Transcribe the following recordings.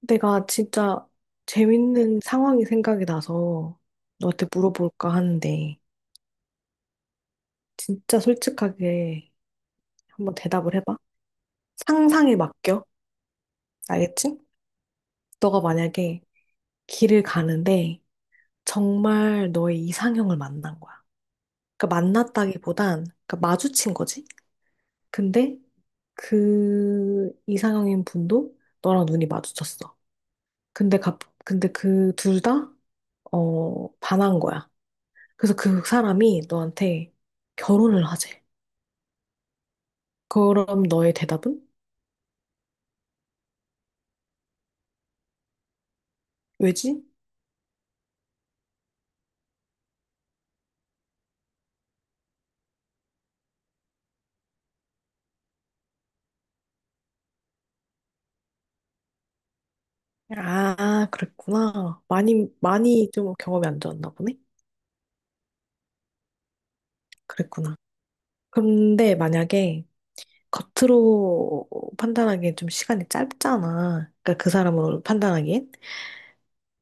내가 진짜 재밌는 상황이 생각이 나서 너한테 물어볼까 하는데 진짜 솔직하게 한번 대답을 해봐. 상상에 맡겨. 알겠지? 너가 만약에 길을 가는데 정말 너의 이상형을 만난 거야. 그러니까 만났다기보단 그러니까 마주친 거지. 근데 그 이상형인 분도 너랑 눈이 마주쳤어. 근데 갑 근데 그 둘 다 반한 거야. 그래서 그 사람이 너한테 결혼을 하재. 그럼 너의 대답은? 왜지? 아, 그랬구나. 많이 좀 경험이 안 좋았나 보네? 그랬구나. 근데 만약에 겉으로 판단하기엔 좀 시간이 짧잖아. 그러니까 그 사람으로 판단하기엔.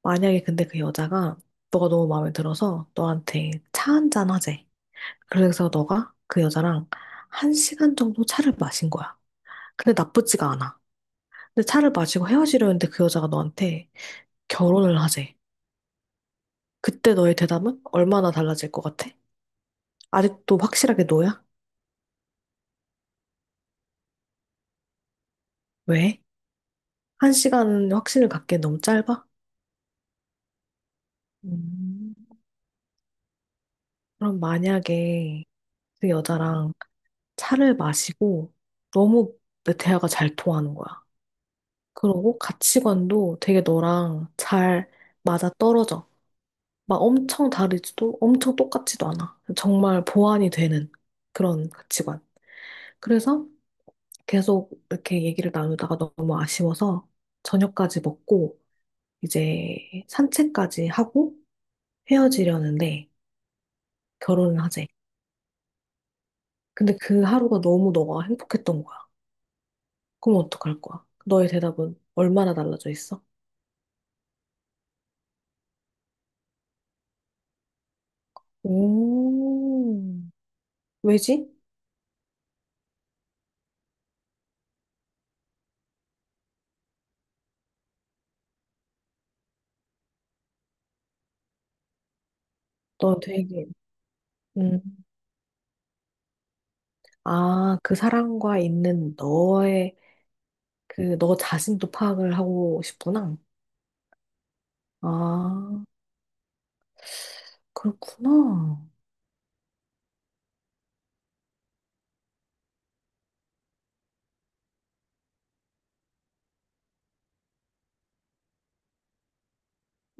만약에 근데 그 여자가 너가 너무 마음에 들어서 너한테 차 한잔 하재. 그래서 너가 그 여자랑 1시간 정도 차를 마신 거야. 근데 나쁘지가 않아. 근데 차를 마시고 헤어지려는데 그 여자가 너한테 결혼을 하재. 그때 너의 대답은 얼마나 달라질 것 같아? 아직도 확실하게 너야? 왜? 1시간 확신을 갖기엔 너무 짧아? 음. 그럼 만약에 그 여자랑 차를 마시고 너무 내 대화가 잘 통하는 거야. 그러고 가치관도 되게 너랑 잘 맞아 떨어져. 막 엄청 다르지도 엄청 똑같지도 않아. 정말 보완이 되는 그런 가치관. 그래서 계속 이렇게 얘기를 나누다가 너무 아쉬워서 저녁까지 먹고 이제 산책까지 하고 헤어지려는데 결혼을 하재. 근데 그 하루가 너무 너가 행복했던 거야. 그럼 어떡할 거야? 너의 대답은 얼마나 달라져 있어? 오, 왜지? 너 되게, 음, 아, 그 사람과 있는 너의, 그, 너 자신도 파악을 하고 싶구나. 아, 그렇구나.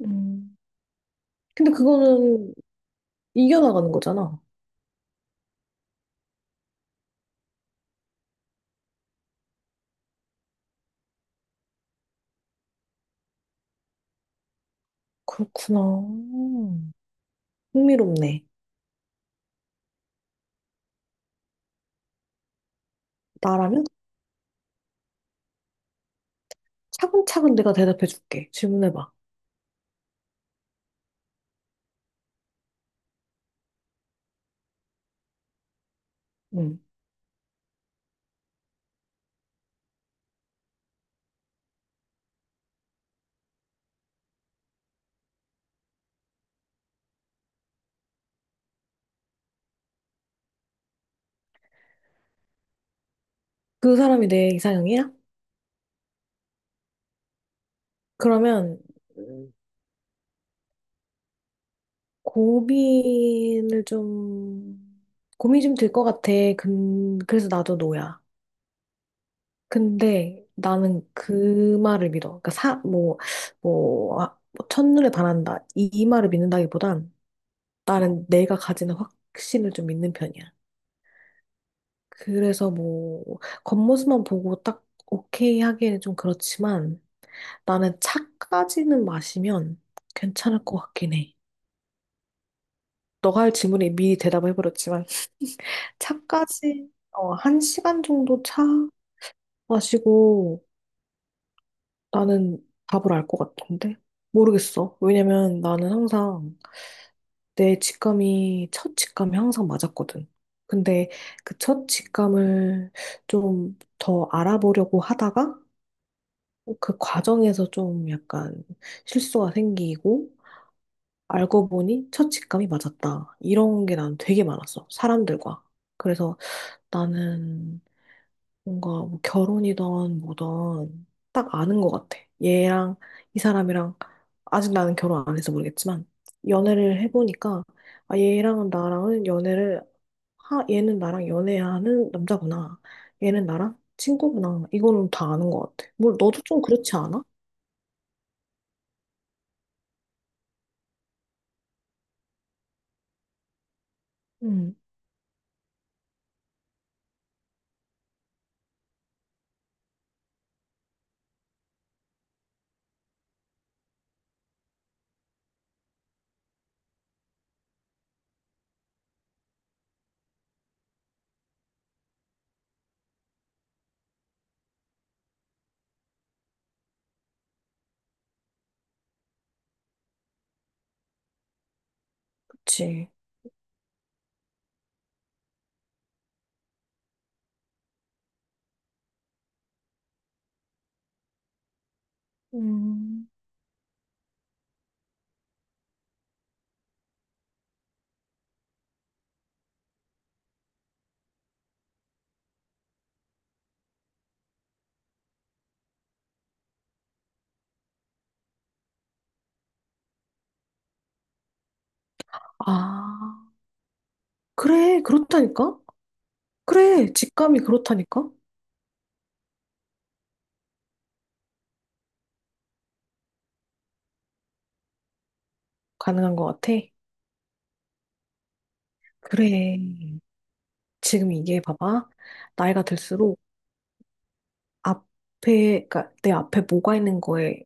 음, 근데 그거는 이겨나가는 거잖아. 그렇구나. 흥미롭네. 나라면 차근차근 내가 대답해 줄게. 질문해봐. 응. 그 사람이 내 이상형이야? 그러면 음, 고민을 좀 고민 좀 들 것 같아. 근 그래서 나도 노야. 근데 나는 그 말을 믿어. 그러니까 사뭐뭐 아, 뭐 첫눈에 반한다 이 말을 믿는다기보단 나는 내가 가지는 확신을 좀 믿는 편이야. 그래서 뭐 겉모습만 보고 딱 오케이 하기에는 좀 그렇지만 나는 차까지는 마시면 괜찮을 것 같긴 해. 너가 할 질문에 미리 대답을 해버렸지만 차까지 어, 1시간 정도 차 마시고 나는 답을 알 것 같은데 모르겠어. 왜냐면 나는 항상 내 직감이 첫 직감이 항상 맞았거든. 근데 그 첫 직감을 좀 더 알아보려고 하다가 어, 그 과정에서 좀 약간 실수가 생기고 알고 보니 첫 직감이 맞았다. 이런 게 난 되게 많았어. 사람들과. 그래서 나는 뭔가 뭐 결혼이든 뭐든 딱 아는 것 같아. 얘랑 이 사람이랑 아직 나는 결혼 안 해서 모르겠지만 연애를 해보니까 아, 얘랑은 나랑은 연애를 얘는 나랑 연애하는 남자구나. 얘는 나랑 친구구나. 이거는 다 아는 것 같아. 뭘 너도 좀 그렇지 않아? 그치. 음, 아, 그래, 그렇다니까? 그래, 직감이 그렇다니까? 가능한 것 같아. 그래. 지금 이게 봐봐. 나이가 들수록 그러니까 내 앞에 뭐가 있는 거에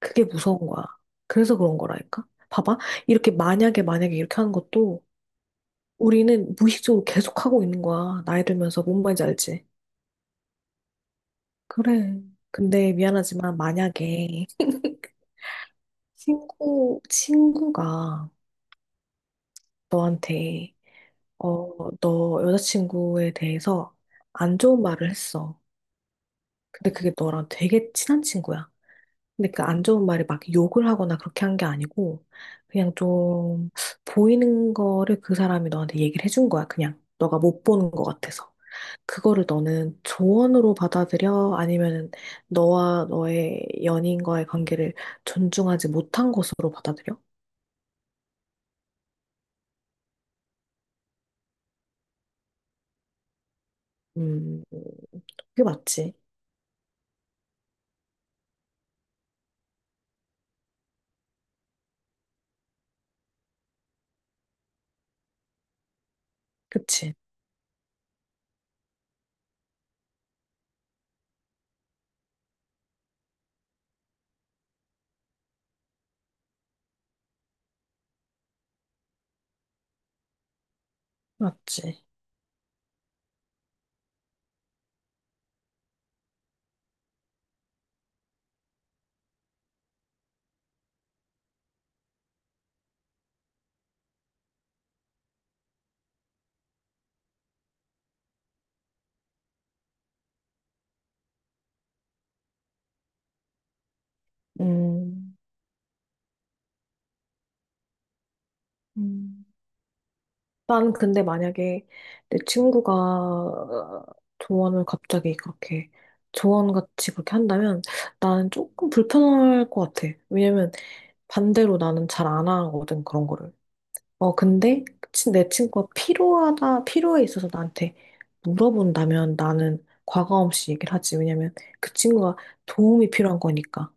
그게 무서운 거야. 그래서 그런 거라니까? 봐봐. 이렇게 만약에 이렇게 하는 것도 우리는 무의식적으로 계속 하고 있는 거야. 나이 들면서 뭔 말인지 알지? 그래. 근데 미안하지만 만약에 친구가 너한테, 어, 너 여자친구에 대해서 안 좋은 말을 했어. 근데 그게 너랑 되게 친한 친구야. 근데 그 안 좋은 말이 막 욕을 하거나 그렇게 한 게 아니고, 그냥 좀 보이는 거를 그 사람이 너한테 얘기를 해준 거야, 그냥. 너가 못 보는 것 같아서. 그거를 너는 조언으로 받아들여? 아니면 너와 너의 연인과의 관계를 존중하지 못한 것으로 받아들여? 음, 그게 맞지. 그치. 맞지. 음. 음. 난 근데 만약에 내 친구가 어, 조언을 갑자기 그렇게 조언같이 그렇게 한다면 나는 조금 불편할 것 같아. 왜냐면 반대로 나는 잘 안 하거든, 그런 거를. 어, 근데 내 친구가 필요에 있어서 나한테 물어본다면 나는 과감 없이 얘기를 하지. 왜냐면 그 친구가 도움이 필요한 거니까.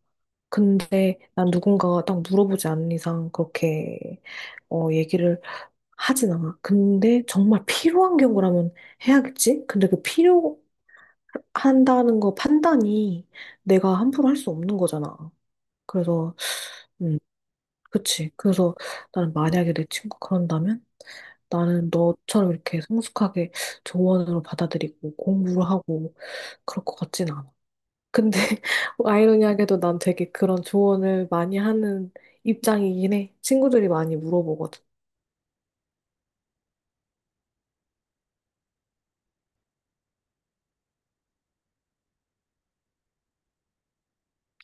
근데 난 누군가가 딱 물어보지 않는 이상 그렇게 얘기를 하진 않아. 근데 정말 필요한 경우라면 해야겠지? 근데 그 필요한다는 거 판단이 내가 함부로 할 수 없는 거잖아. 그래서 음, 그치. 그래서 나는 만약에 내 친구가 그런다면 나는 너처럼 이렇게 성숙하게 조언으로 받아들이고 공부를 하고 그럴 것 같진 않아. 근데 아이러니하게도 난 되게 그런 조언을 많이 하는 입장이긴 해. 친구들이 많이 물어보거든.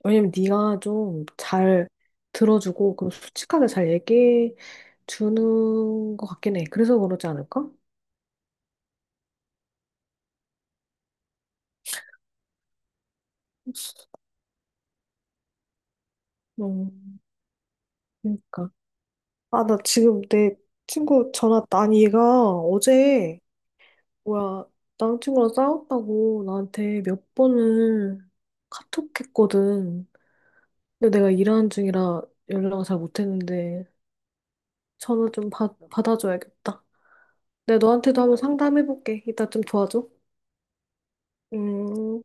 왜냐면 네가 좀 잘 들어주고 그리고 솔직하게 잘 얘기해 주는 것 같긴 해. 그래서 그러지 않을까? 음, 그러니까. 아, 나 지금 내 친구 전화, 아니 얘가 어제 뭐야 남친구랑 싸웠다고 나한테 몇 번을 카톡했거든. 근데 내가 일하는 중이라 연락을 잘 못했는데 전화 좀 받아줘야겠다. 내가 너한테도 한번 상담해볼게. 이따 좀 도와줘. 음.